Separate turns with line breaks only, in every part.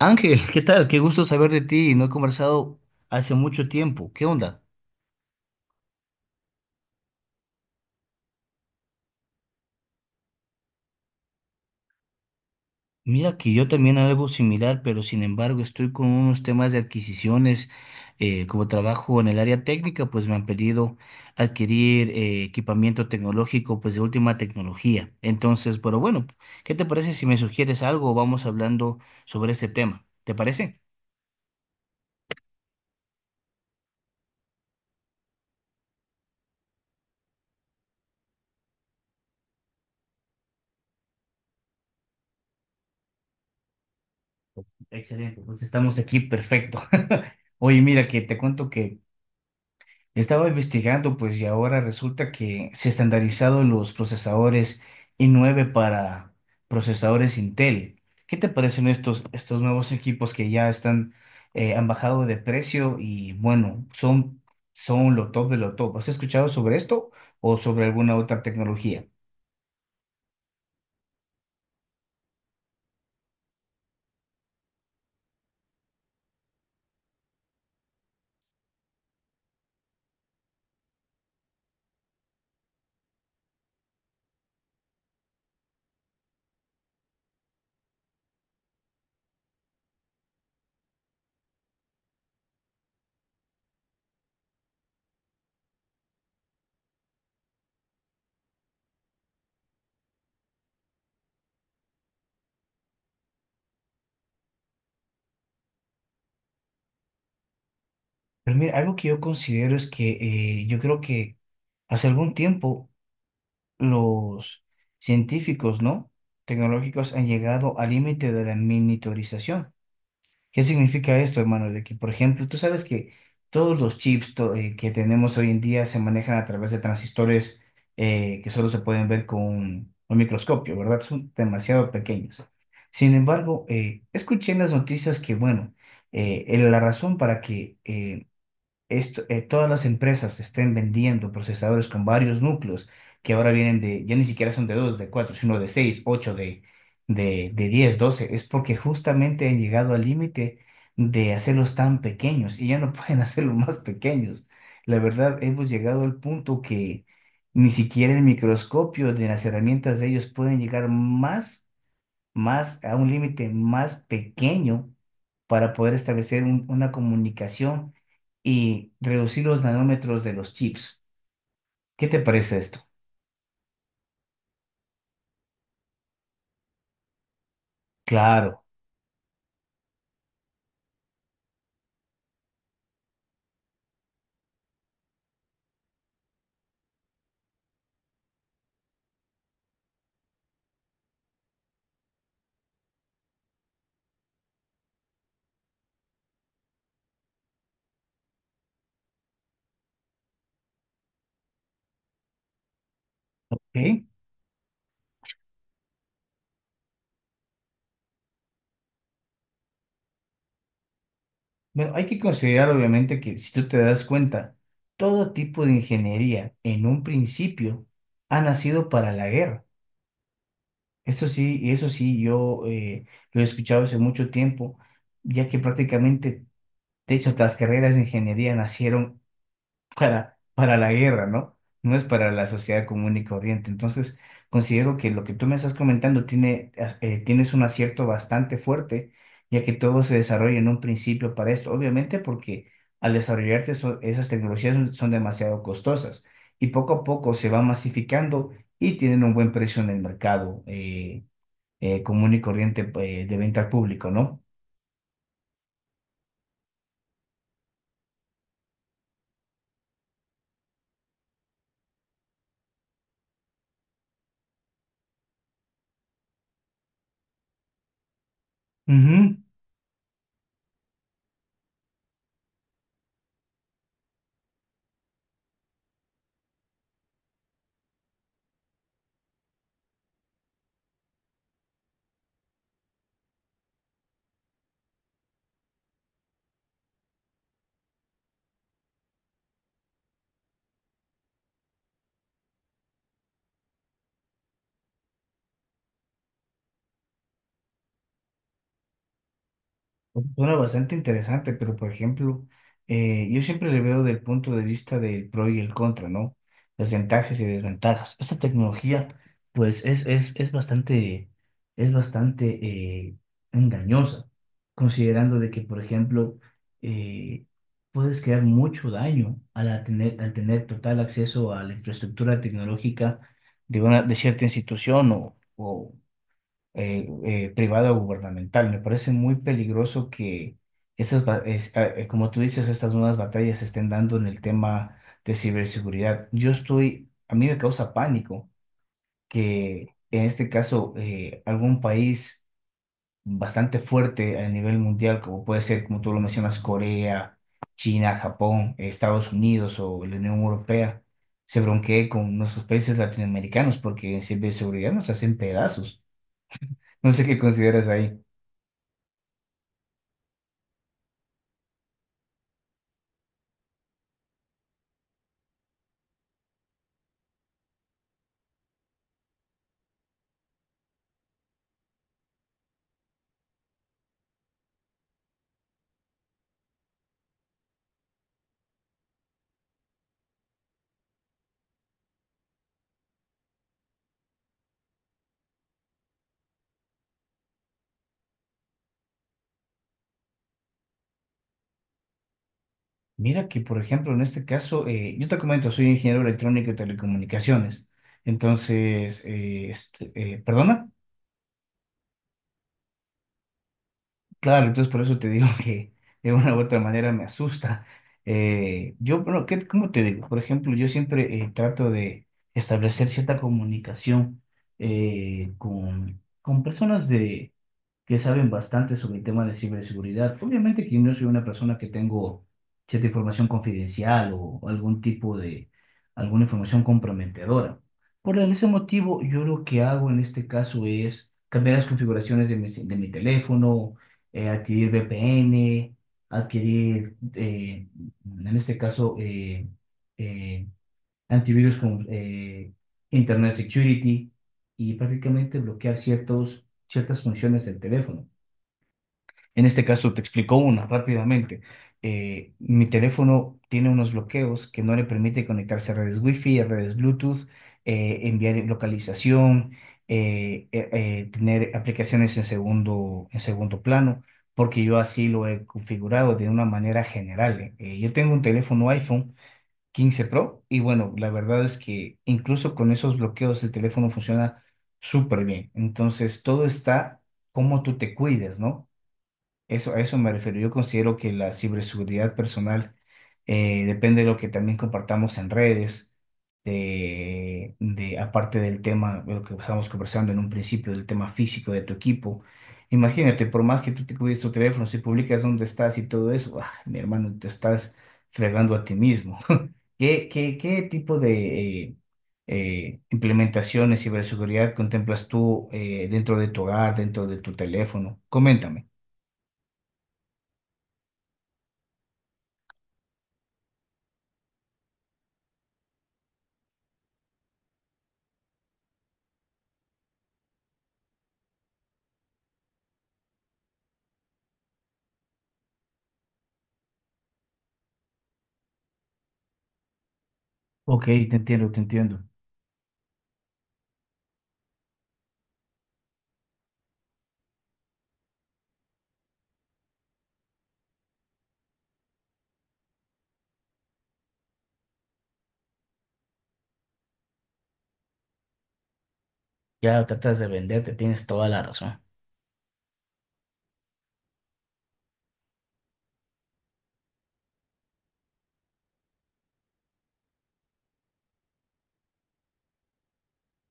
Ángel, ¿qué tal? Qué gusto saber de ti. No he conversado hace mucho tiempo. ¿Qué onda? Mira que yo también algo similar, pero sin embargo estoy con unos temas de adquisiciones. Como trabajo en el área técnica, pues me han pedido adquirir equipamiento tecnológico, pues de última tecnología. Entonces, pero bueno, ¿qué te parece si me sugieres algo vamos hablando sobre este tema? ¿Te parece? Excelente, pues estamos aquí, perfecto. Oye, mira que te cuento que... Estaba investigando, pues, y ahora resulta que se estandarizaron los procesadores i9 para procesadores Intel. ¿Qué te parecen estos nuevos equipos que ya están, han bajado de precio y, bueno, son lo top de lo top? ¿Has escuchado sobre esto o sobre alguna otra tecnología? Pero mira, algo que yo considero es que yo creo que hace algún tiempo los científicos, ¿no?, tecnológicos han llegado al límite de la miniaturización. ¿Qué significa esto, hermano? De que, por ejemplo, tú sabes que todos los chips que tenemos hoy en día se manejan a través de transistores que solo se pueden ver con un microscopio, ¿verdad? Son demasiado pequeños. Sin embargo, escuché en las noticias que, bueno, la razón para que esto, todas las empresas estén vendiendo procesadores con varios núcleos que ahora vienen de, ya ni siquiera son de 2 de 4 sino de 6 8 de 10 12 es porque justamente han llegado al límite de hacerlos tan pequeños y ya no pueden hacerlos más pequeños. La verdad, hemos llegado al punto que ni siquiera el microscopio de las herramientas de ellos pueden llegar más a un límite más pequeño para poder establecer una comunicación y reducir los nanómetros de los chips. ¿Qué te parece esto? Claro. ¿Sí? Bueno, hay que considerar obviamente que si tú te das cuenta, todo tipo de ingeniería en un principio ha nacido para la guerra. Esto sí, y eso sí, yo lo he escuchado hace mucho tiempo, ya que prácticamente, de hecho, las carreras de ingeniería nacieron para la guerra, ¿no? No es para la sociedad común y corriente. Entonces, considero que lo que tú me estás comentando tiene, tienes un acierto bastante fuerte, ya que todo se desarrolla en un principio para esto. Obviamente porque al desarrollarse esas tecnologías son demasiado costosas y poco a poco se va masificando y tienen un buen precio en el mercado común y corriente de venta al público, ¿no? Ujú. Suena bastante interesante, pero por ejemplo, yo siempre le veo del punto de vista del pro y el contra, ¿no? Las ventajas y desventajas. Esta tecnología, pues, es bastante engañosa, considerando de que, por ejemplo, eh, puedes crear mucho daño al tener total acceso a la infraestructura tecnológica de cierta institución o privada o gubernamental. Me parece muy peligroso que estas, ba- es- ah, como tú dices, estas nuevas batallas se estén dando en el tema de ciberseguridad. A mí me causa pánico que en este caso algún país bastante fuerte a nivel mundial, como puede ser, como tú lo mencionas, Corea, China, Japón, Estados Unidos o la Unión Europea, se bronquee con nuestros países latinoamericanos porque en ciberseguridad nos hacen pedazos. No sé qué consideras ahí. Mira que, por ejemplo, en este caso, yo te comento, soy ingeniero electrónico y telecomunicaciones. Entonces, ¿perdona? Claro, entonces por eso te digo que de una u otra manera me asusta. Yo, bueno, ¿cómo te digo? Por ejemplo, yo siempre trato de establecer cierta comunicación con personas de que saben bastante sobre el tema de ciberseguridad. Obviamente que no soy una persona que tengo cierta información confidencial o algún tipo de, alguna información comprometedora. Por ese motivo, yo lo que hago en este caso es cambiar las configuraciones de de mi teléfono, adquirir VPN, adquirir, en este caso, eh, antivirus con Internet Security y prácticamente bloquear ciertas funciones del teléfono. En este caso, te explico una rápidamente. Mi teléfono tiene unos bloqueos que no le permite conectarse a redes Wi-Fi, a redes Bluetooth, enviar localización, tener aplicaciones en segundo plano, porque yo así lo he configurado de una manera general. Yo tengo un teléfono iPhone 15 Pro y bueno, la verdad es que incluso con esos bloqueos el teléfono funciona súper bien. Entonces, todo está como tú te cuides, ¿no? Eso, a eso me refiero. Yo considero que la ciberseguridad personal depende de lo que también compartamos en redes, aparte del tema, de lo que estábamos conversando en un principio, del tema físico de tu equipo. Imagínate, por más que tú te cuides tu teléfono, si publicas dónde estás y todo eso, ah, mi hermano, te estás fregando a ti mismo. ¿Qué tipo de implementaciones de ciberseguridad contemplas tú dentro de tu hogar, dentro de tu teléfono? Coméntame. Ok, te entiendo, te entiendo. Ya tratas de venderte, tienes toda la razón.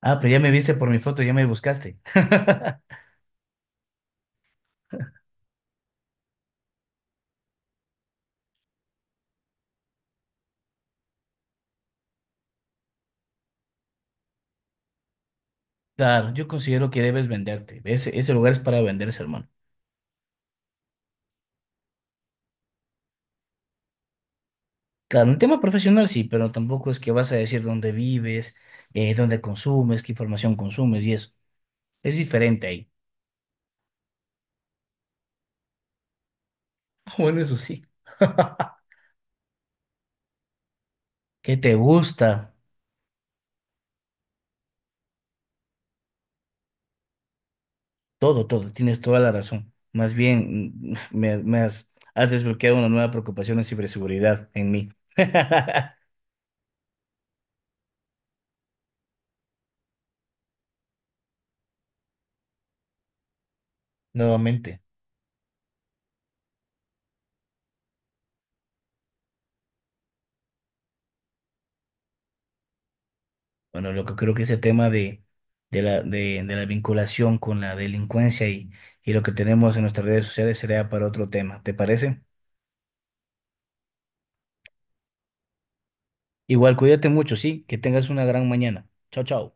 Ah, pero ya me viste por mi foto, ya me buscaste. Claro, yo considero que debes venderte. Ese lugar es para venderse, hermano. Claro, un tema profesional sí, pero tampoco es que vas a decir dónde vives, dónde consumes, qué información consumes y eso. Es diferente ahí. Bueno, eso sí. ¿Qué te gusta? Todo, todo, tienes toda la razón. Más bien, me has, has desbloqueado una nueva preocupación en ciberseguridad en mí. Nuevamente. Bueno, lo que creo que ese tema de la vinculación con la delincuencia y lo que tenemos en nuestras redes sociales sería para otro tema, ¿te parece? Igual, cuídate mucho, sí, que tengas una gran mañana. Chao, chao.